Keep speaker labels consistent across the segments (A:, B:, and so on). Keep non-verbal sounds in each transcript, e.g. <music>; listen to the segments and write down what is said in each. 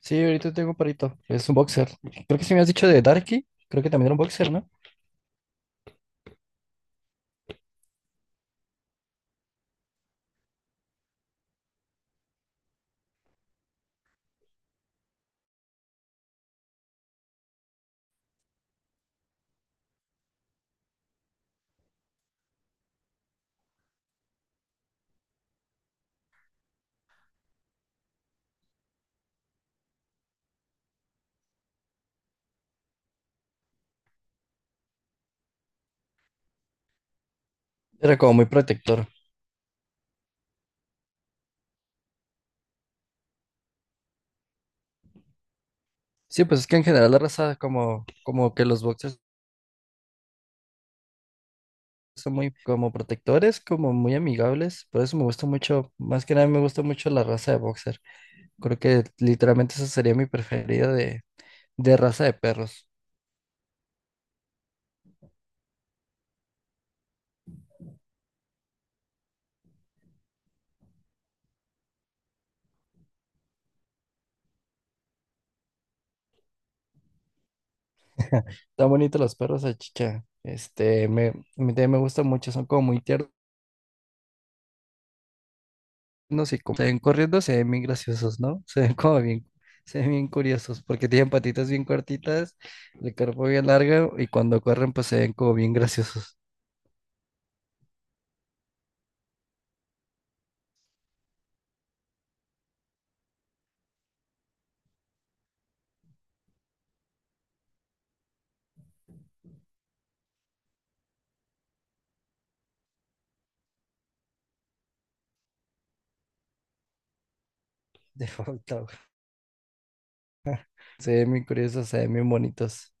A: Sí, ahorita tengo un perrito. Es un boxer. Creo que se me has dicho de Darky. Creo que también era un boxer, ¿no? Era como muy protector. Sí, pues es que en general la raza como que los boxers son muy como protectores, como muy amigables. Por eso me gusta mucho, más que nada me gusta mucho la raza de boxer. Creo que literalmente esa sería mi preferida de raza de perros. Están bonitos los perros salchicha. A mí también me gustan mucho, son como muy tiernos y como se ven corriendo, se ven bien graciosos, ¿no? Se ven bien curiosos, porque tienen patitas bien cortitas, el cuerpo bien largo y cuando corren, pues se ven como bien graciosos. <laughs> De falta, güey. Se ven bien curiosos, se ven bien bonitos.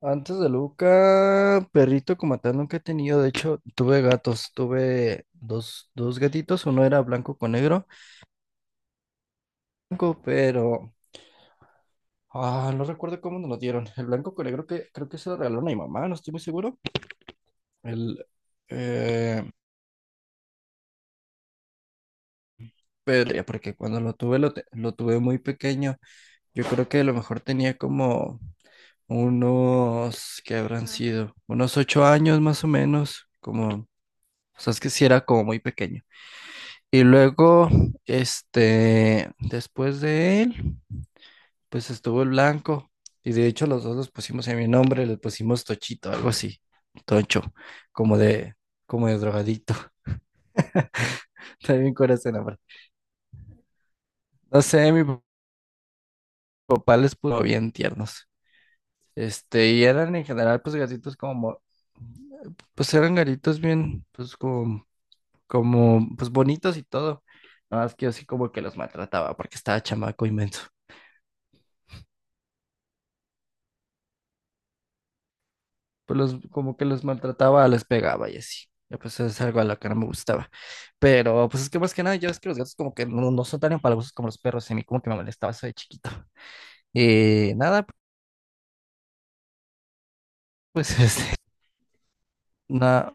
A: Antes de Luca, perrito como tal nunca he tenido. De hecho, tuve gatos, tuve dos gatitos, uno era blanco con negro, blanco, pero ah, no recuerdo cómo nos lo dieron. El blanco con negro que creo que se lo regalaron a mi mamá, no estoy muy seguro. El, eh, pero ya, porque cuando lo tuve, lo tuve muy pequeño. Yo creo que a lo mejor tenía como unos, ¿qué habrán sido? Unos 8 años más o menos. Como, o sea, es que sí era como muy pequeño. Y luego, después de él. Pues estuvo el blanco y de hecho los dos los pusimos en mi nombre, le pusimos Tochito, algo así, Tocho, como de, como de drogadito, <laughs> también con ese. No sé, mi papá les puso bien tiernos. Y eran en general pues gatitos como, pues eran gatitos bien, pues pues bonitos y todo. Nada más que yo sí como que los maltrataba porque estaba chamaco inmenso. Pues como que los maltrataba, les pegaba y así. Ya, pues es algo a lo que no me gustaba. Pero pues es que más que nada, yo es que los gatos como que no, no son tan empalagosos como los perros, y a mí como que me molestaba eso de chiquito. Y nada, pues <laughs> na-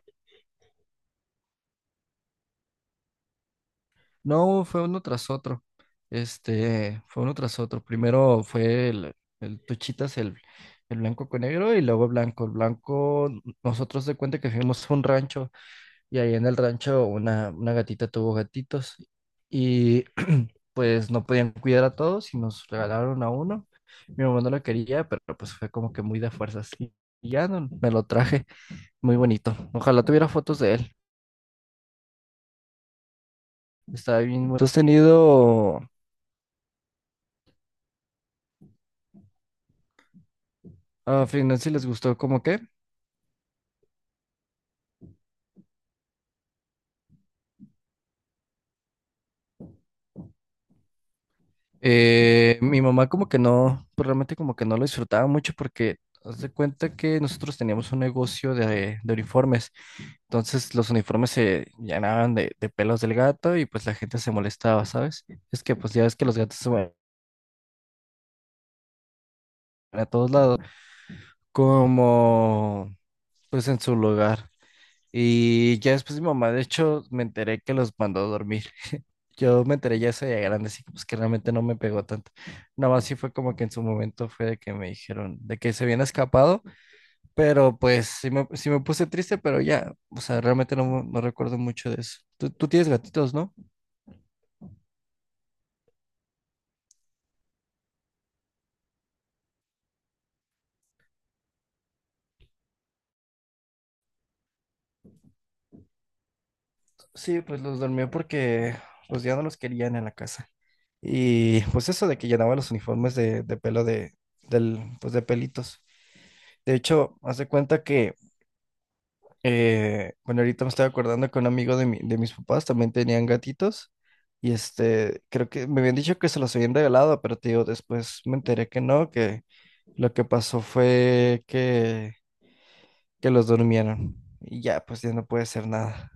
A: no, fue uno tras otro. Fue uno tras otro. Primero fue el Tuchitas, el blanco con negro, y luego blanco. El blanco, nosotros de cuenta que fuimos a un rancho, y ahí en el rancho una gatita tuvo gatitos. Y pues no podían cuidar a todos y nos regalaron a uno. Mi mamá no lo quería, pero pues fue como que muy de fuerzas. Y me lo traje, muy bonito. Ojalá tuviera fotos de él. Está bien, bueno. ¿Tú has tenido a final si les gustó como que? Mi mamá como que no, pues realmente como que no lo disfrutaba mucho porque haz de cuenta que nosotros teníamos un negocio de uniformes. Entonces los uniformes se llenaban de pelos del gato y pues la gente se molestaba, ¿sabes? Es que pues ya ves que los gatos se a todos lados, como pues en su lugar. Y ya después mi mamá, de hecho, me enteré que los mandó a dormir. Yo me enteré ya se grande, así que, pues que realmente no me pegó tanto. Nada más sí fue como que en su momento fue de que me dijeron de que se habían escapado, pero pues sí me puse triste, pero ya, o sea, realmente no, no recuerdo mucho de eso. Tú tienes gatitos, ¿no? Sí, pues los dormí porque pues ya no los querían en la casa. Y pues eso de que llenaban los uniformes de pelo del, pues de pelitos. De hecho, haz de cuenta que, bueno, ahorita me estoy acordando que un amigo de mis papás también tenían gatitos. Y creo que me habían dicho que se los habían regalado, pero te digo, después me enteré que no, que lo que pasó fue que los durmieron. Y ya, pues ya no puede hacer nada.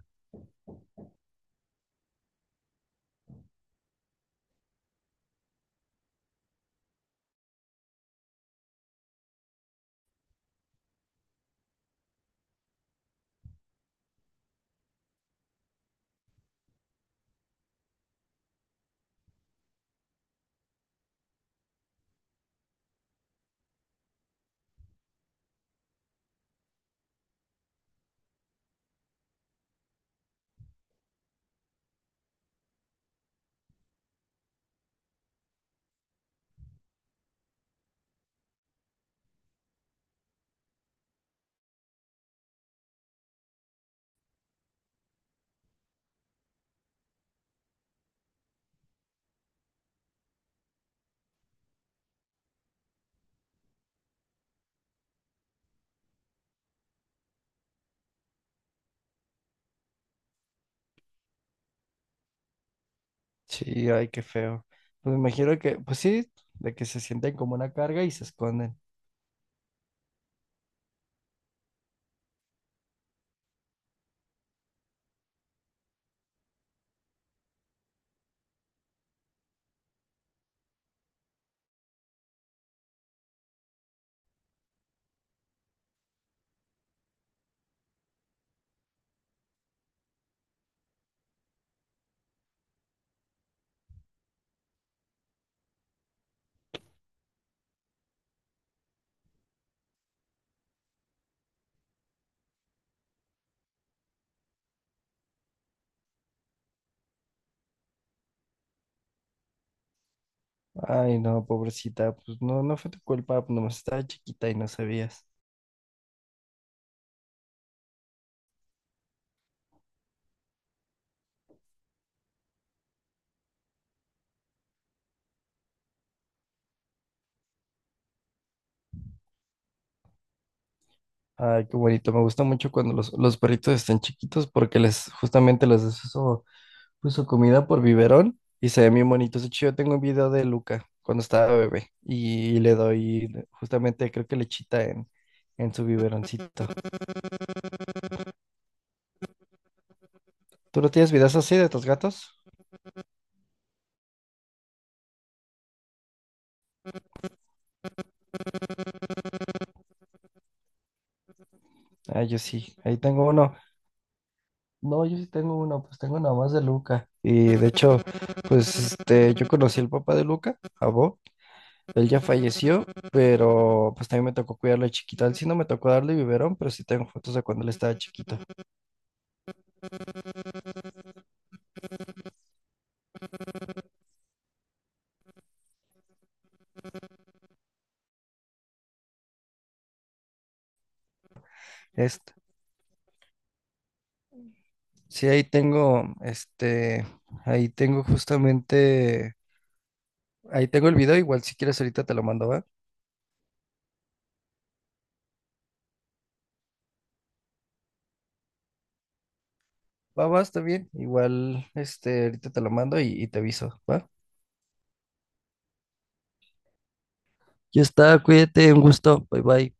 A: Sí, ay, qué feo. Pues me imagino que, pues sí, de que se sienten como una carga y se esconden. Ay, no, pobrecita, pues no, no fue tu culpa, pues, nomás estaba chiquita y no sabías. Ay, qué bonito. Me gusta mucho cuando los perritos están chiquitos porque les justamente les das eso, pues, su comida por biberón y se ven bien bonitos. De hecho, yo tengo un video de Luca cuando estaba bebé y le doy justamente creo que lechita en su biberoncito. ¿Tú no tienes videos así de tus gatos? Ah, yo sí, ahí tengo uno. No, yo sí tengo uno, pues tengo nada más de Luca. Y de hecho, pues yo conocí al papá de Luca, a Bo. Él ya falleció, pero pues también me tocó cuidarlo de chiquito. A él sí no me tocó darle biberón, pero sí tengo fotos de cuando él estaba chiquito. Este, sí, ahí tengo, ahí tengo justamente, ahí tengo el video, igual si quieres ahorita te lo mando, ¿va? Va, va, está bien. Igual, ahorita te lo mando y te aviso, ¿va? Ya está, cuídate, un gusto, bye bye.